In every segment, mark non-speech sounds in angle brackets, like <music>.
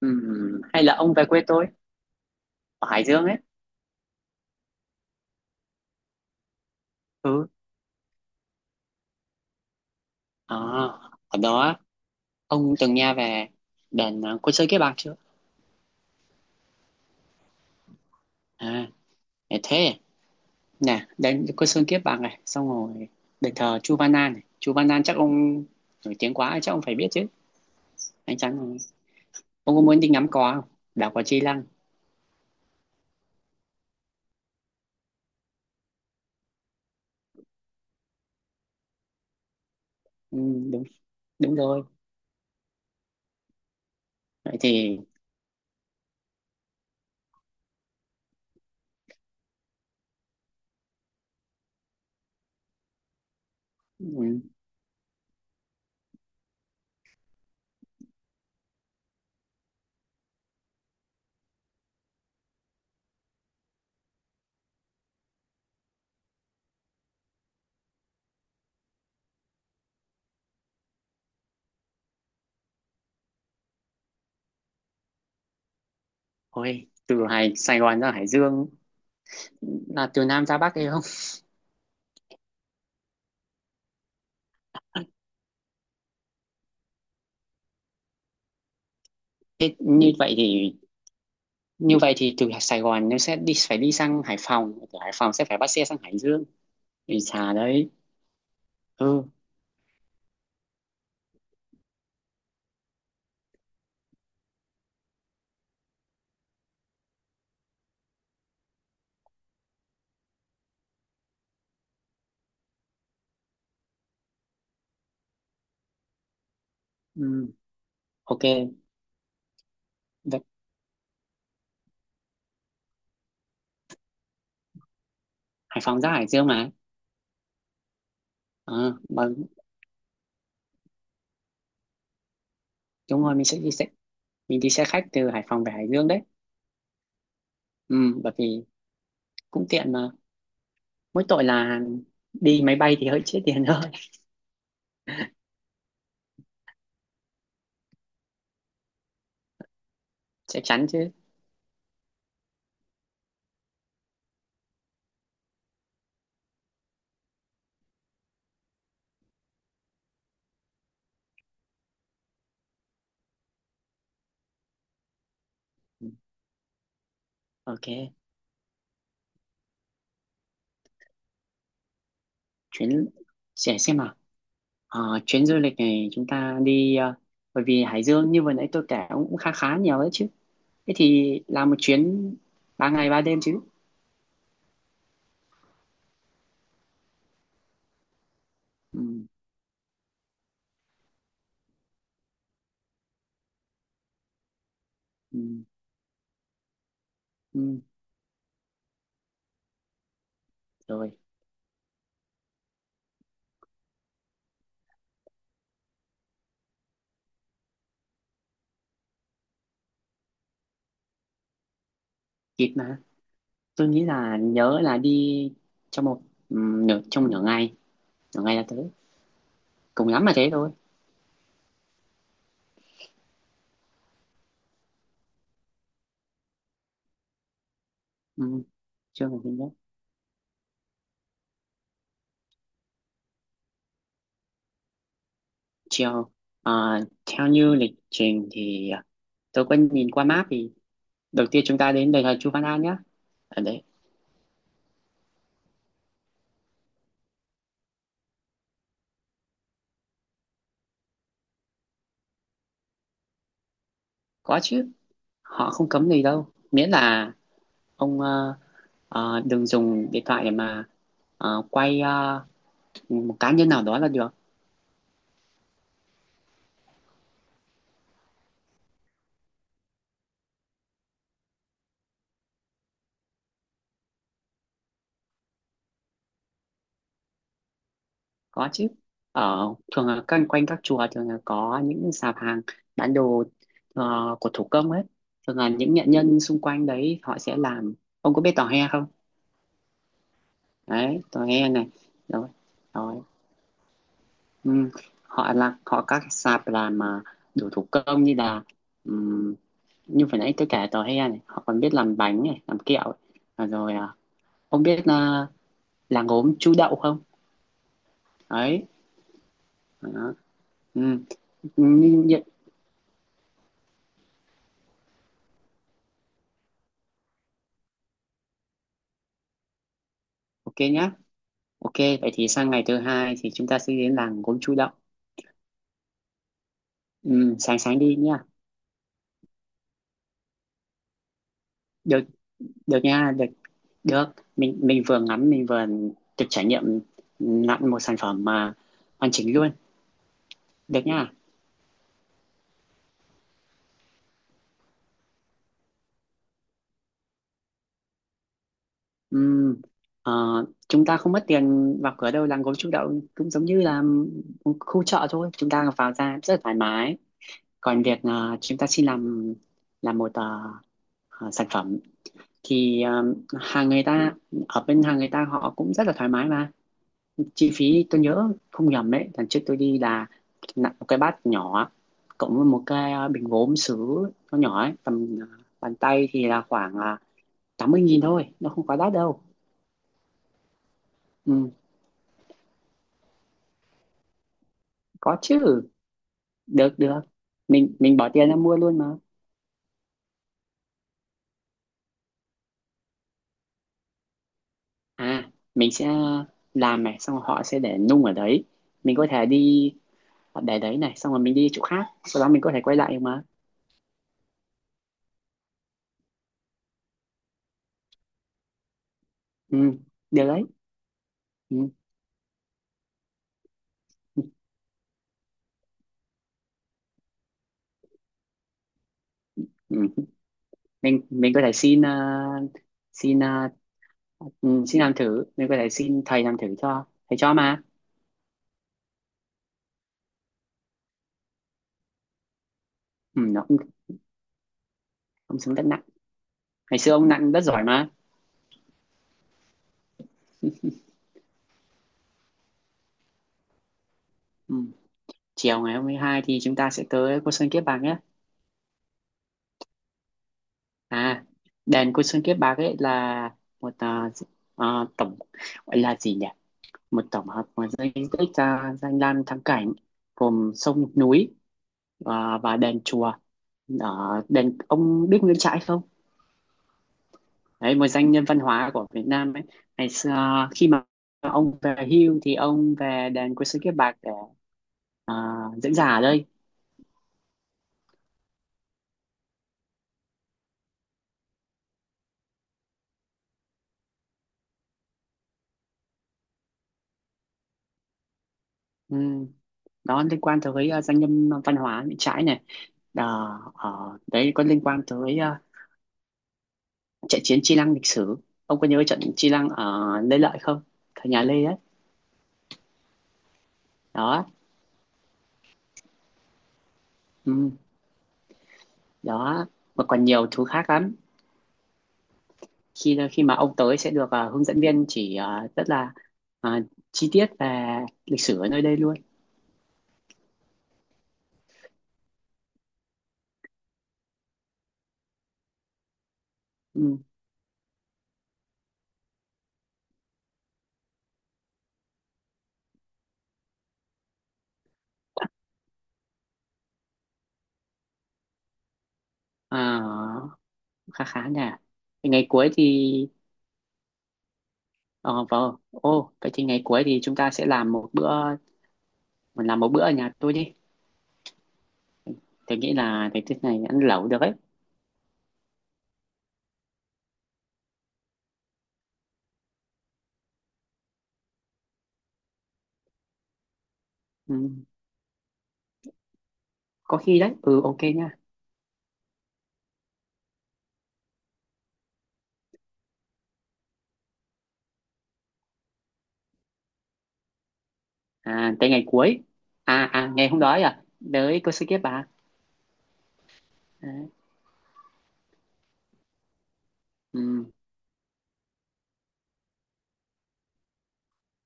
Hay là ông về quê tôi ở Hải Dương ấy. Ừ. à, Ở đó ông từng nghe về đền, à, Côn Sơn Kiếp Bạc chưa? À, để thế nè, đền Côn Sơn Kiếp Bạc này xong rồi đền thờ Chu Văn An này. Chu Văn An chắc ông nổi tiếng quá chắc ông phải biết chứ. Anh chắn rồi. Ông có muốn đi ngắm cò không? Đảo cò Chi Lăng. Ừ, đúng đúng rồi. Vậy thì ừ, ôi từ Hải Sài Gòn ra Hải Dương là từ Nam ra Bắc hay không? Thế như vậy thì Như vậy thì từ Sài Gòn nó sẽ đi phải đi sang Hải Phòng, từ Hải Phòng sẽ phải bắt xe sang Hải Dương. Thì xà đấy. Ừ, ừ, ok. Vậy Hải Phòng ra Hải Dương mà. Ờ, mà đúng rồi, mình đi xe khách từ Hải Phòng về Hải Dương đấy. Ừ, bởi vì cũng tiện mà, mỗi tội là đi máy bay thì hơi chết tiền thôi. <laughs> Chắc chắn chứ. Ừ, ok. Chuyến, sẽ xem nào. Ờ, chuyến du lịch này chúng ta đi bởi vì Hải Dương như vừa nãy tôi kể cũng khá khá nhiều đấy chứ, thế thì làm một chuyến ba ngày ba đêm chứ. Ừ, ừ, ừ, rồi. Kịp mà. Tôi nghĩ là nhớ là đi trong một, ừ, nửa trong nửa ngày, nửa ngày là tới. Cùng lắm là thế thôi. Ừ, chưa ngày nhất. Chiều à, theo như lịch trình thì à, tôi có nhìn qua map thì đầu tiên chúng ta đến đền thờ Chu Văn An nhé. Ở đấy có chứ, họ không cấm gì đâu, miễn là ông đừng dùng điện thoại để mà quay một cá nhân nào đó là được. Có chứ, ở thường là quanh quanh các chùa thường là có những sạp hàng bán đồ của thủ công ấy, thường là những nghệ nhân xung quanh đấy họ sẽ làm. Ông có biết tò he không? Đấy, tò he này. Rồi. Rồi. Ừ. Họ là họ các sạp làm mà, đồ thủ công như là ừm, như vừa nãy tôi kể tò he này, họ còn biết làm bánh này, làm kẹo ấy. À, rồi à, ông biết là làng gốm Chu Đậu không? Đấy. Đó. Ừ. Như- như- ok nhá. Ok, vậy thì sang ngày thứ hai thì chúng ta sẽ đến làng gốm Chu Đậu. Ừ, sáng sáng đi nhá. Được, được nha, được, được. Mình vừa ngắm, mình vừa được trải nghiệm nặn một sản phẩm mà hoàn chỉnh luôn. Được nha. Ừ, ờ, chúng ta không mất tiền vào cửa đâu, làng gốm Chu Đậu cũng giống như là khu chợ thôi. Chúng ta vào ra rất là thoải mái. Còn việc chúng ta xin làm một, sản phẩm thì hàng người ta, ở bên hàng người ta họ cũng rất là thoải mái mà. Chi phí tôi nhớ không nhầm ấy, lần trước tôi đi là nặng một cái bát nhỏ cộng với một cái bình gốm sứ nó nhỏ ấy tầm à, bàn tay thì là khoảng à, 80.000 thôi, nó không quá đắt đâu. Ừ, có chứ, được được. Mình bỏ tiền ra mua luôn mà. À mình sẽ làm này xong rồi họ sẽ để nung ở đấy, mình có thể đi, để đấy này xong rồi mình đi chỗ khác sau đó mình có thể quay lại mà. Ừ, được đấy. Ừ. Ừ. Ừ. mình có thể xin à, xin à, ừ, xin làm thử, mình có thể xin thầy làm thử cho. Thầy cho mà. Ừ, nó cũng không xuống đất nặng. Ngày xưa ông nặng rất giỏi mà. Ừ. Chiều ngày 22 thì chúng ta sẽ tới Côn Sơn Kiếp Bạc nhé. À, đền Côn Sơn Kiếp Bạc ấy là một à, à, tổng, gọi là gì nhỉ, một tổng hợp của di tích à, danh lam thắng cảnh, gồm sông núi à, và đền chùa. Ở đền ông biết Nguyễn Trãi không? Đấy, một doanh nhân văn hóa của Việt Nam ấy. Ngày xưa khi mà ông về hưu thì ông về đền Quốc sư Kiếp Bạc để à, diễn giả ở đây. Ừ. Đó liên quan tới à, doanh nhân văn hóa Nguyễn Trãi này. Đó, ờ, đấy có liên quan tới à, trận chiến Chi Lăng lịch sử. Ông có nhớ trận Chi Lăng ở Lê Lợi không? Thời nhà Lê đấy. Đó. Ừ. Đó. Mà còn nhiều thứ khác lắm. Khi khi mà ông tới sẽ được à, hướng dẫn viên chỉ à, rất là à, chi tiết về lịch sử ở nơi đây luôn. Ừ. À, khá khá nhỉ. Thì ngày cuối thì ờ vâng. Ô, vậy thì ngày cuối thì chúng ta sẽ làm một bữa, mình làm một bữa ở nhà tôi đi. Tôi nghĩ là cái tiết này ăn lẩu được ấy. Ừ, có khi đấy. Ừ ok nha. À tới ngày cuối. À à ngày hôm đó ấy à. Đấy cô sẽ kiếp bà. Đấy. Ừ,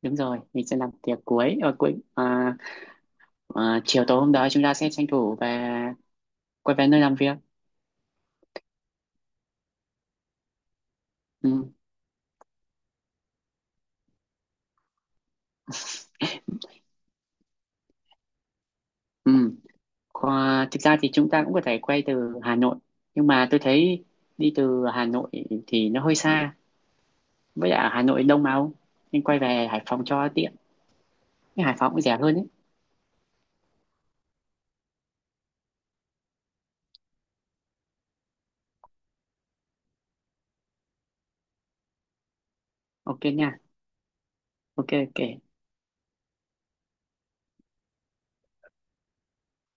đúng rồi, mình sẽ làm tiệc cuối ở cuối à, à, chiều tối hôm đó chúng ta sẽ tranh thủ về, quay về nơi làm việc. Ừ. Ừ. Qua, thực ra thì chúng ta cũng có thể quay từ Hà Nội nhưng mà tôi thấy đi từ Hà Nội thì nó hơi xa, với lại ở Hà Nội đông mà ông, nên quay về Hải Phòng cho tiện, cái Hải Phòng cũng rẻ hơn ấy. Ok nha. Ok. Ok.